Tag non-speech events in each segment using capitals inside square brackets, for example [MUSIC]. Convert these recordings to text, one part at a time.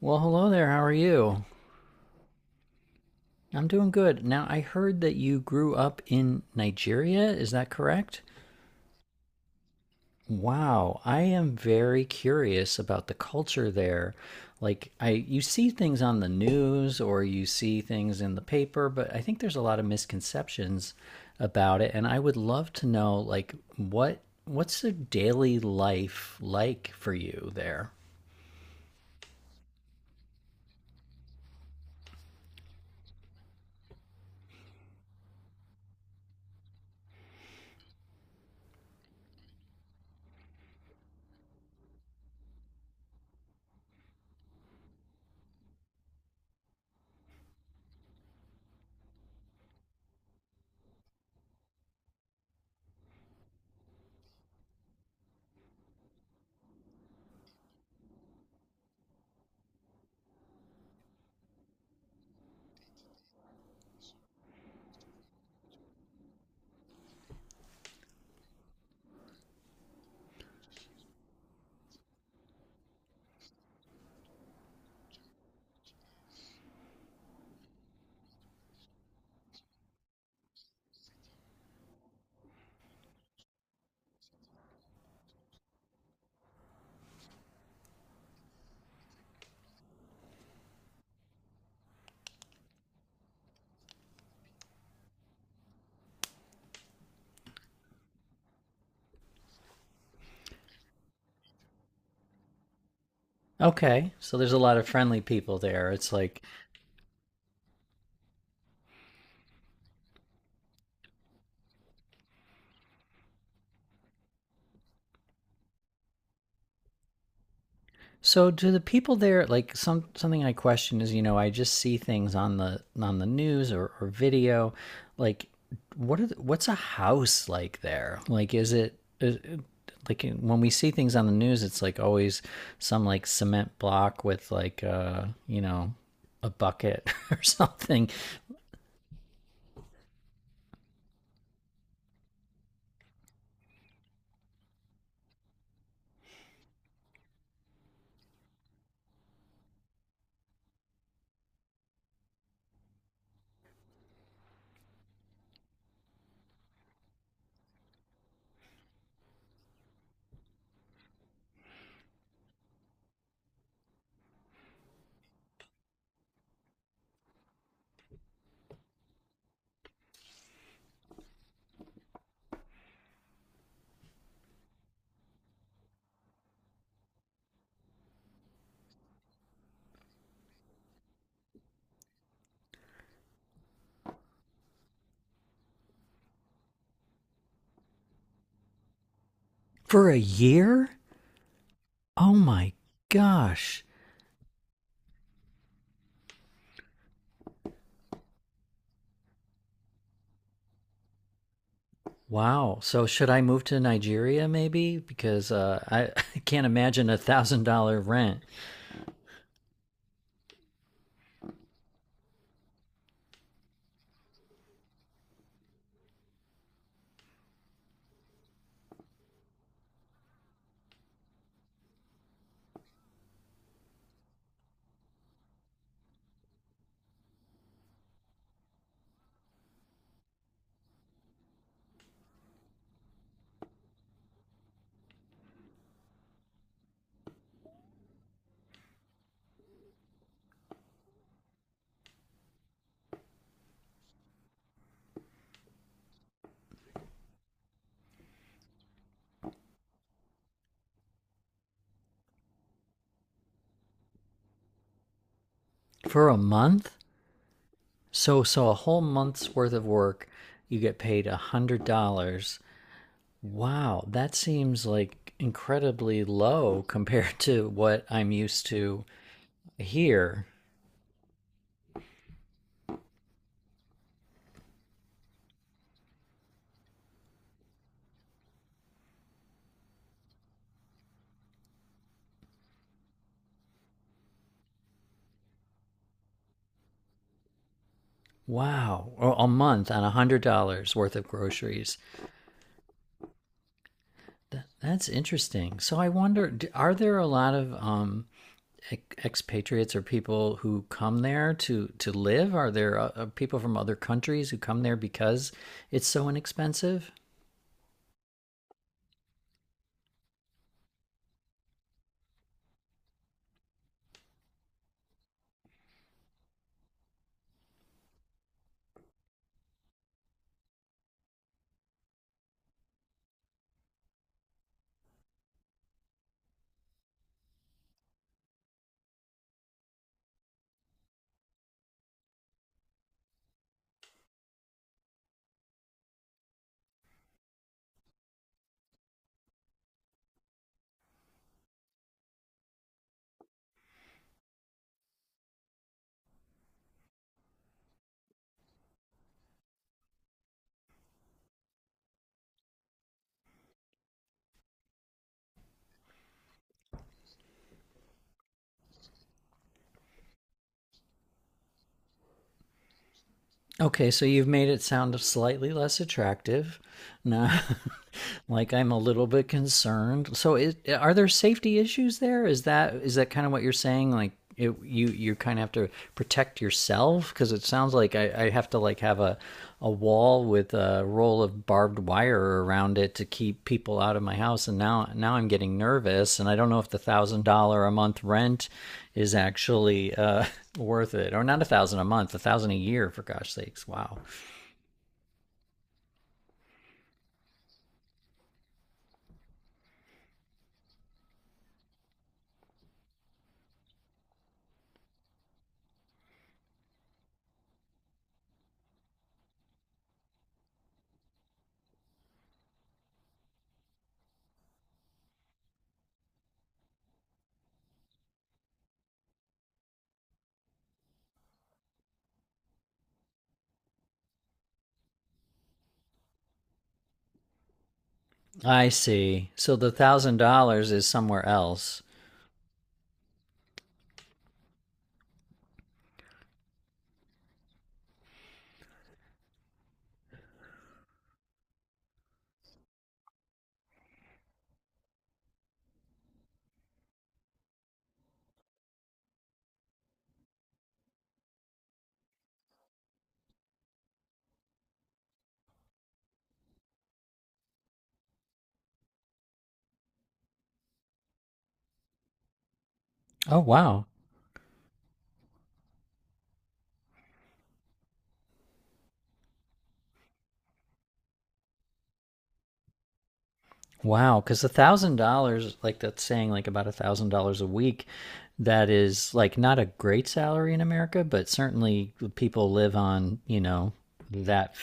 Well, hello there. How are you? I'm doing good. Now, I heard that you grew up in Nigeria. Is that correct? Wow, I am very curious about the culture there. Like I You see things on the news or you see things in the paper, but I think there's a lot of misconceptions about it and I would love to know, like what's the daily life like for you there? Okay, so there's a lot of friendly people there. It's like. So do the people there like something I question is, you know, I just see things on the, on the news, or video. Like what are the, what's a house like there? Like is it, like when we see things on the news, it's like always some like cement block with like, you know, a bucket [LAUGHS] or something. For a year? Oh my gosh. Wow. So should I move to Nigeria maybe? Because I, [LAUGHS] I can't imagine a $1,000 rent. For a month. So a whole month's worth of work, you get paid $100. Wow, that seems like incredibly low [LAUGHS] compared to what I'm used to here. Wow, a month on $100 worth of groceries. That's interesting. So I wonder, are there a lot of expatriates or people who come there to live? Are there people from other countries who come there because it's so inexpensive? Okay, so you've made it sound slightly less attractive. Now, [LAUGHS] like I'm a little bit concerned. So, is, are there safety issues there? Is that kind of what you're saying? Like, it, you kind of have to protect yourself, because it sounds like I have to like have a wall with a roll of barbed wire around it to keep people out of my house, and now I'm getting nervous, and I don't know if the $1,000 a month rent is actually [LAUGHS] worth it. Or not, a thousand a month, a thousand a year, for gosh sakes. Wow. I see, so the $1,000 is somewhere else. Oh wow. Wow, because $1,000, like that's saying like about $1,000 a week, that is like not a great salary in America, but certainly people live on, you know, that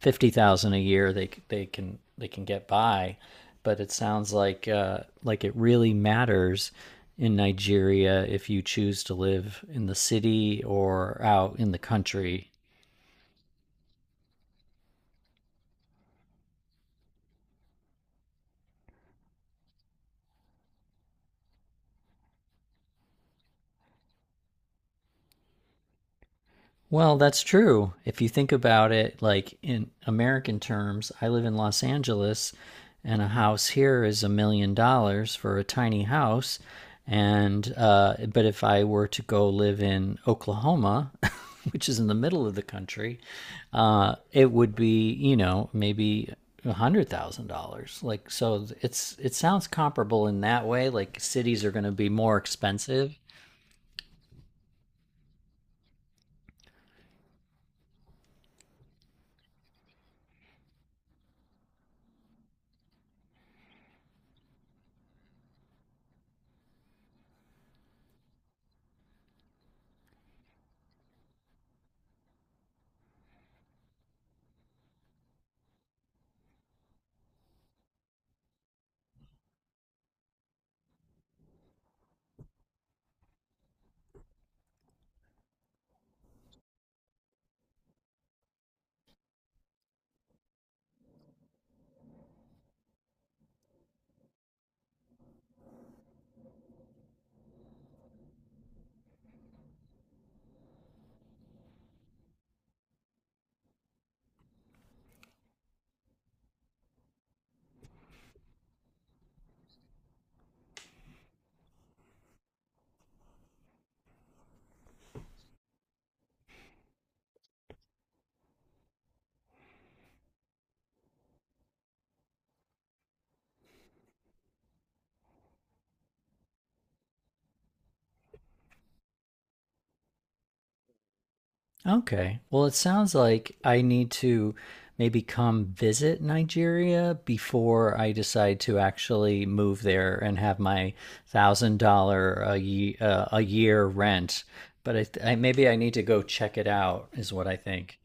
50,000 a year, they they can get by. But it sounds like it really matters in Nigeria if you choose to live in the city or out in the country. Well, that's true. If you think about it, like in American terms, I live in Los Angeles, and a house here is $1 million for a tiny house. And, but if I were to go live in Oklahoma, [LAUGHS] which is in the middle of the country, it would be, you know, maybe $100,000. Like, so it's, it sounds comparable in that way. Like cities are going to be more expensive. Okay. Well, it sounds like I need to maybe come visit Nigeria before I decide to actually move there and have my $1,000 a a year rent. But I, I maybe I need to go check it out, is what I think.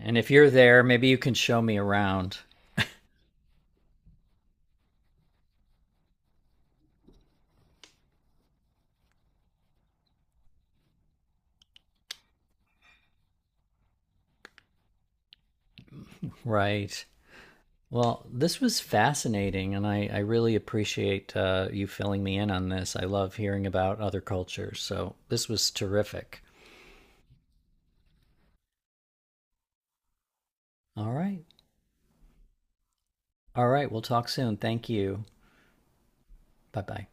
And if you're there, maybe you can show me around. Right. Well, this was fascinating, and I really appreciate you filling me in on this. I love hearing about other cultures, so this was terrific. All right. All right. We'll talk soon. Thank you. Bye bye.